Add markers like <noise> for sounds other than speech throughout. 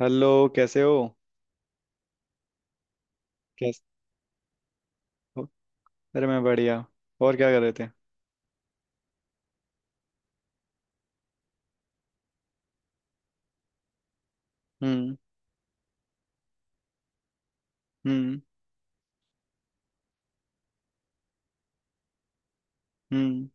Hello. कैसे हो कैसे हो। अरे मैं बढ़िया। और क्या कर रहे थे? हम्म। हम्म। हम्म।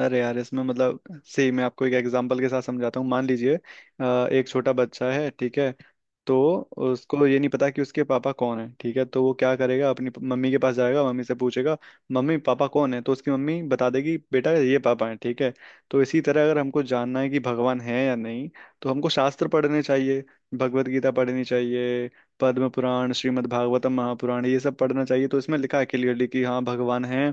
अरे यार, इसमें मतलब सही, मैं आपको एक एग्जांपल के साथ समझाता हूँ। मान लीजिए एक छोटा बच्चा है, ठीक है। तो उसको ये नहीं पता कि उसके पापा कौन है, ठीक है। तो वो क्या करेगा? अपनी मम्मी के पास जाएगा, मम्मी से पूछेगा मम्मी पापा कौन है, तो उसकी मम्मी बता देगी बेटा ये पापा है, ठीक है। तो इसी तरह अगर हमको जानना है कि भगवान है या नहीं, तो हमको शास्त्र पढ़ने चाहिए, भगवत गीता पढ़नी चाहिए, पद्म पुराण, श्रीमद् भागवतम, महापुराण, ये सब पढ़ना चाहिए। तो इसमें लिखा है क्लियरली कि हाँ, भगवान है।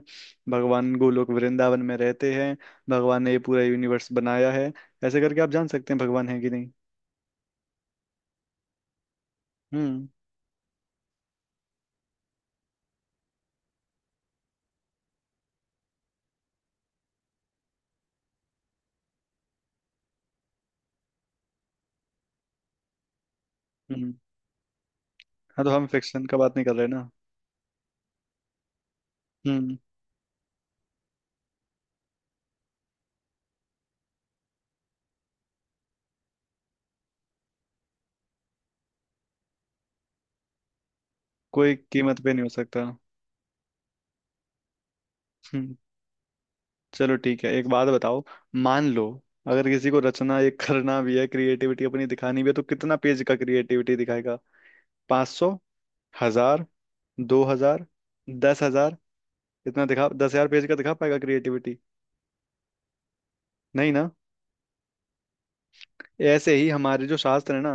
भगवान गोलोक वृंदावन में रहते हैं। भगवान ने ये पूरा यूनिवर्स बनाया है। ऐसे करके आप जान सकते हैं भगवान है कि नहीं। हम्म। हम्म। हाँ, तो हम फिक्शन का बात नहीं कर रहे ना। हम्म। कोई कीमत पे नहीं हो सकता। हम्म। चलो ठीक है, एक बात बताओ। मान लो, अगर किसी को रचना ये करना भी है, क्रिएटिविटी अपनी दिखानी भी है, तो कितना पेज का क्रिएटिविटी दिखाएगा? 500, 1,000, 2,000, 10,000? इतना दिखा, 10,000 पेज का दिखा पाएगा क्रिएटिविटी? नहीं ना। ऐसे ही हमारे जो शास्त्र है ना,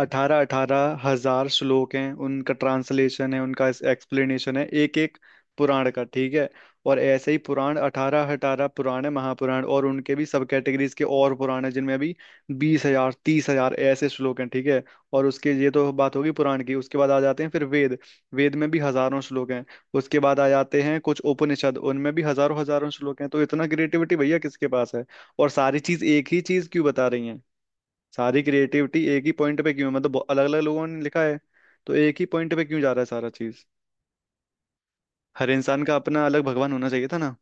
अठारह अठारह हजार श्लोक हैं, उनका ट्रांसलेशन है, उनका एक्सप्लेनेशन है एक एक पुराण का, ठीक है। और ऐसे ही पुराण अठारह अठारह पुराण है महापुराण, और उनके भी सब कैटेगरीज के और पुराण है जिनमें अभी 20,000, 30,000 ऐसे श्लोक हैं, ठीक है। और उसके, ये तो बात होगी पुराण की, उसके बाद आ जाते हैं फिर वेद। वेद में भी हजारों श्लोक हैं। उसके बाद आ जाते हैं कुछ उपनिषद, उनमें भी हजारों हजारों श्लोक हैं। तो इतना क्रिएटिविटी भैया किसके पास है? और सारी चीज एक ही चीज क्यों बता रही है? सारी क्रिएटिविटी एक ही पॉइंट पे क्यों है? मतलब अलग अलग लोगों ने लिखा है, तो एक ही पॉइंट पे क्यों जा रहा है सारा चीज? हर इंसान का अपना अलग भगवान होना चाहिए था ना।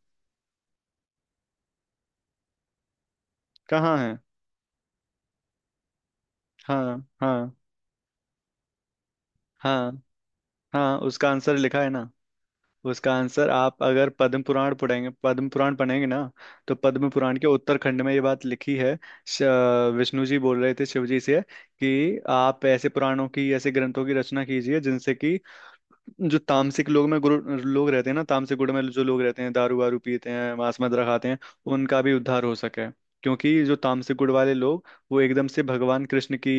कहाँ है? हाँ हाँ। हाँ। हाँ, उसका आंसर लिखा है ना। उसका आंसर आप अगर पद्म पुराण पढ़ेंगे, पद्म पुराण पढ़ेंगे ना, तो पद्म पुराण के उत्तरखंड में ये बात लिखी है। श- विष्णु जी बोल रहे थे शिव जी से कि आप ऐसे पुराणों की, ऐसे ग्रंथों की रचना कीजिए जिनसे कि जो तामसिक लोग में गुरु लोग रहते हैं ना, तामसिक गुण में जो लोग रहते हैं, दारू वारू पीते हैं, मांस मदिरा खाते हैं, उनका भी उद्धार हो सके। क्योंकि जो तामसिक गुण वाले लोग, वो एकदम से भगवान कृष्ण की,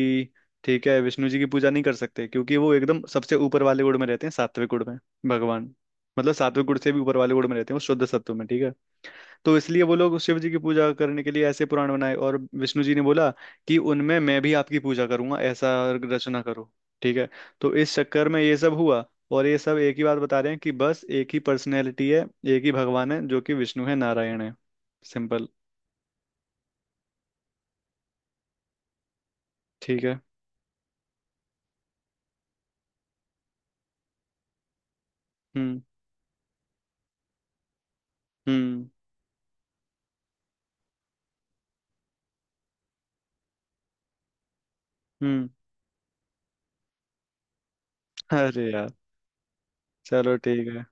ठीक है, विष्णु जी की पूजा नहीं कर सकते क्योंकि वो एकदम सबसे ऊपर वाले गुण में रहते हैं, सात्विक गुण में। भगवान मतलब सात्विक गुण से भी ऊपर वाले गुण में रहते हैं, वो शुद्ध सत्व में, ठीक है। तो इसलिए वो लोग शिव जी की पूजा करने के लिए ऐसे पुराण बनाए और विष्णु जी ने बोला कि उनमें मैं भी आपकी पूजा करूंगा, ऐसा रचना करो, ठीक है। तो इस चक्कर में ये सब हुआ। और ये सब एक ही बात बता रहे हैं कि बस एक ही पर्सनैलिटी है, एक ही भगवान है, जो कि विष्णु है, नारायण है। सिंपल। ठीक है। हम्म। हम्म। हम्म। अरे यार, चलो ठीक है।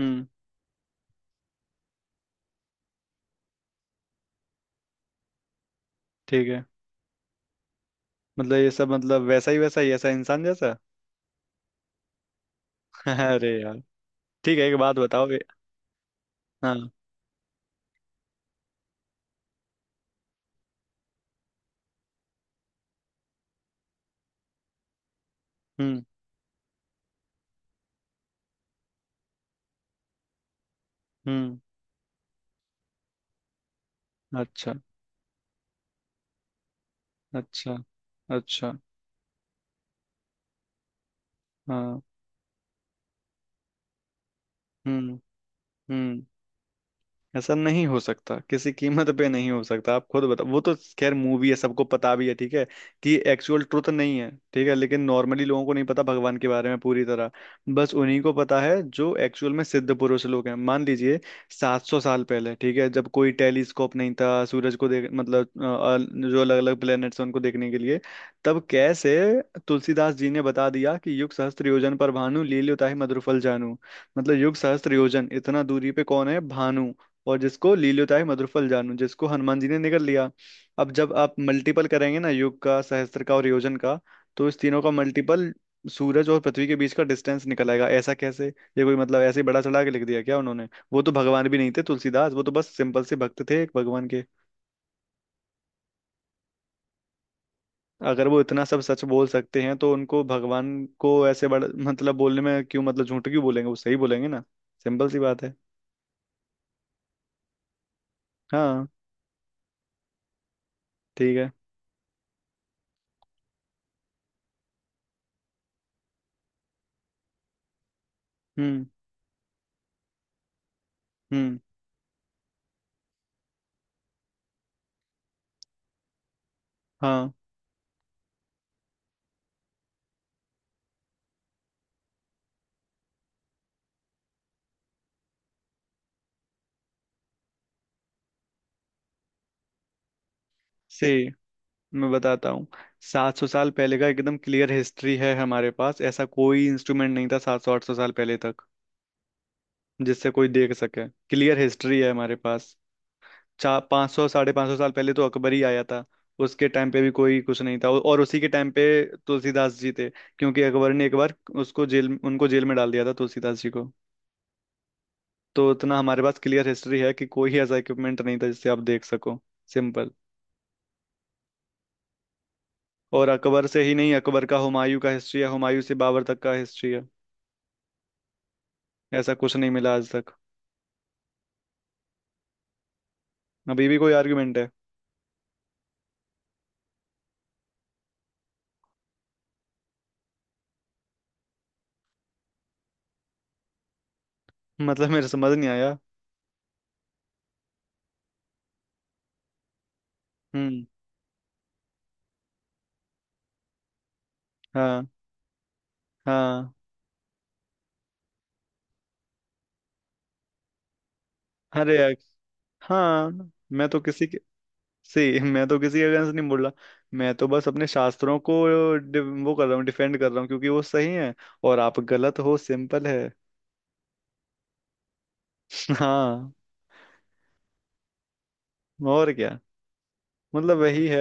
हम्म। ठीक है। मतलब ये सब, मतलब वैसा ही ऐसा इंसान जैसा? <laughs> अरे यार, ठीक है, एक बात बताओ। हाँ। हम्म। हम्म। अच्छा। अच्छा। अच्छा। हाँ। हम्म। हम्म। ऐसा नहीं हो सकता, किसी कीमत पे नहीं हो सकता। आप खुद बताओ, वो तो खैर मूवी है, सबको पता भी है, ठीक है, कि एक्चुअल ट्रुथ नहीं है। ठीक है, लेकिन नॉर्मली लोगों को नहीं पता भगवान के बारे में पूरी तरह, बस उन्हीं को पता है जो एक्चुअल में सिद्ध पुरुष लोग हैं। मान लीजिए 700 साल पहले, ठीक है, जब कोई टेलीस्कोप नहीं था सूरज को देख, मतलब जो अलग अलग प्लेनेट्स हैं उनको देखने के लिए, तब कैसे तुलसीदास जी ने बता दिया कि युग सहस्त्र योजन पर भानु लील्योताहि मधुरफल जानू। मतलब युग सहस्त्र योजन इतना दूरी पे कौन है भानु, और जिसको लील्योताय मधुरफल जानू, जिसको हनुमान जी ने निगल लिया। अब जब आप मल्टीपल करेंगे ना युग का, सहस्त्र का और योजन का, तो इस तीनों का मल्टीपल सूरज और पृथ्वी के बीच का डिस्टेंस निकल आएगा। ऐसा कैसे, ये कोई मतलब ऐसे ही बड़ा चढ़ा के लिख दिया क्या उन्होंने? वो तो भगवान भी नहीं थे तुलसीदास, वो तो बस सिंपल से भक्त थे एक भगवान के। अगर वो इतना सब सच बोल सकते हैं तो उनको भगवान को ऐसे बड़ा मतलब बोलने में क्यों, मतलब झूठ क्यों बोलेंगे? वो सही बोलेंगे ना। सिंपल सी बात है। हाँ। ठीक है। हम्म। हम्म। हाँ से मैं बताता हूँ। 700 साल पहले का एकदम क्लियर हिस्ट्री है हमारे पास, ऐसा कोई इंस्ट्रूमेंट नहीं था 700-800 साल पहले तक जिससे कोई देख सके, क्लियर हिस्ट्री है हमारे पास। 400-500, 550 साल पहले तो अकबर ही आया था, उसके टाइम पे भी कोई कुछ नहीं था, और उसी के टाइम पे तुलसीदास जी थे, क्योंकि अकबर ने एक बार उसको जेल, उनको जेल में डाल दिया था तुलसीदास जी को। तो उतना हमारे पास क्लियर हिस्ट्री है कि कोई ऐसा इक्विपमेंट नहीं था जिससे आप देख सको। सिंपल। और अकबर से ही नहीं, अकबर का, हुमायूं का हिस्ट्री है, हुमायूं से बाबर तक का हिस्ट्री है, ऐसा कुछ नहीं मिला आज तक। अभी भी कोई आर्गुमेंट है? मतलब मेरे समझ नहीं आया। हम्म। हाँ हाँ। अरे यार, हाँ, मैं तो किसी के मैं तो किसी के अगेंस्ट नहीं बोल रहा, मैं तो बस अपने शास्त्रों को वो कर रहा हूँ, डिफेंड कर रहा हूँ, क्योंकि वो सही है और आप गलत हो। सिंपल है। <laughs> हाँ, और क्या। मतलब वही है,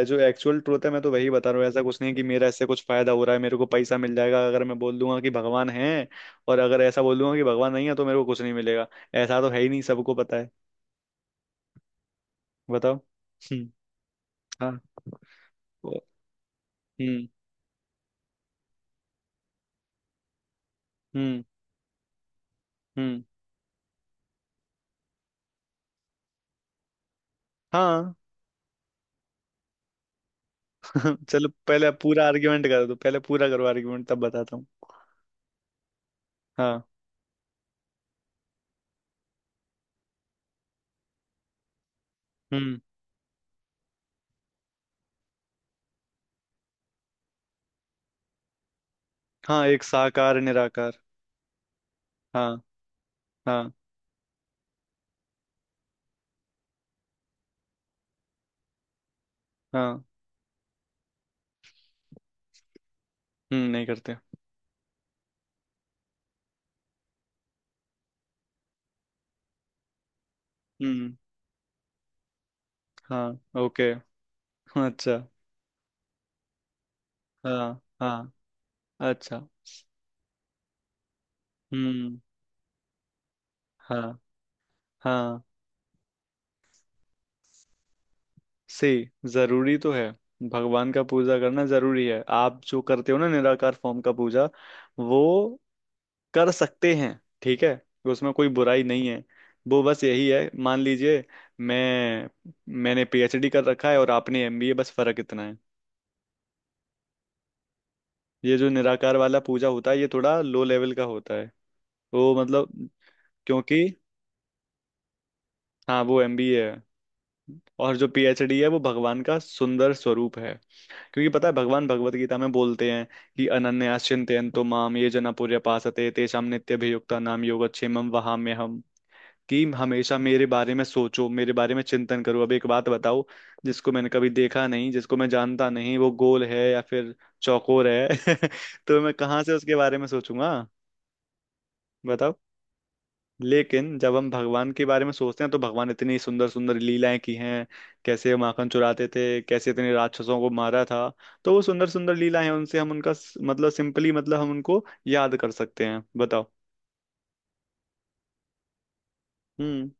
जो एक्चुअल ट्रूथ है, मैं तो वही बता रहा हूँ। ऐसा कुछ नहीं कि मेरा इससे कुछ फायदा हो रहा है, मेरे को पैसा मिल जाएगा अगर मैं बोल दूंगा कि भगवान है, और अगर ऐसा बोल दूंगा कि भगवान नहीं है तो मेरे को कुछ नहीं मिलेगा। ऐसा तो है ही नहीं, सबको पता है। बताओ। हम्म। हाँ। वो- हम्म। हम्म। हम्म। हाँ। <laughs> चलो पहले आप पूरा आर्ग्यूमेंट कर दो, पहले पूरा करो आर्ग्यूमेंट, तब बताता हूँ। हाँ। हम्म। हाँ, एक साकार निराकार। हाँ हाँ। हाँ। हम्म, नहीं करते। हम्म। हाँ ओके। अच्छा। हाँ। हाँ। अच्छा। हम्म। हाँ। हाँ से जरूरी तो है, भगवान का पूजा करना जरूरी है। आप जो करते हो ना निराकार फॉर्म का पूजा, वो कर सकते हैं, ठीक है, उसमें कोई बुराई नहीं है। वो बस यही है, मान लीजिए मैं, मैंने पीएचडी कर रखा है और आपने एमबीए, बस फर्क इतना है। ये जो निराकार वाला पूजा होता है ये थोड़ा लो लेवल का होता है, वो मतलब, क्योंकि हाँ वो एमबीए है, और जो पीएचडी है वो भगवान का सुंदर स्वरूप है। क्योंकि पता है भगवान भगवत गीता में बोलते हैं कि अनन्याश्चिंतयन्तो माम ये जना पर्यपासते तेषां नित्यभियुक्ता नाम योगक्षेमं वहाम्यहम्, कि हमेशा मेरे बारे में सोचो, मेरे बारे में चिंतन करो। अब एक बात बताओ, जिसको मैंने कभी देखा नहीं, जिसको मैं जानता नहीं, वो गोल है या फिर चौकोर है? <laughs> तो मैं कहाँ से उसके बारे में सोचूंगा? बताओ। लेकिन जब हम भगवान के बारे में सोचते हैं, तो भगवान इतनी सुंदर सुंदर लीलाएं की हैं, कैसे माखन चुराते थे, कैसे इतने राक्षसों को मारा था, तो वो सुंदर सुंदर लीलाएं हैं, उनसे हम उनका मतलब सिंपली मतलब हम उनको याद कर सकते हैं। बताओ। हम्म।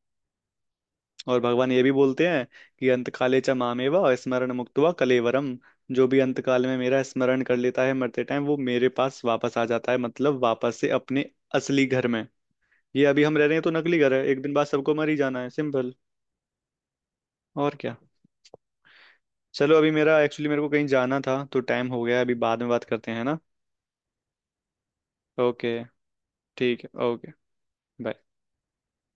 और भगवान ये भी बोलते हैं कि अंतकाले च मामेव स्मरण मुक्त्वा कलेवरम, जो भी अंतकाल में मेरा स्मरण कर लेता है मरते टाइम, वो मेरे पास वापस आ जाता है, मतलब वापस से अपने असली घर में। ये अभी हम रह रहे हैं तो नकली घर है, एक दिन बाद सबको मर ही जाना है। सिंपल। और क्या। चलो अभी मेरा एक्चुअली मेरे को कहीं जाना था, तो टाइम हो गया है, अभी बाद में बात करते हैं ना। ओके। ठीक है ओके। बाय।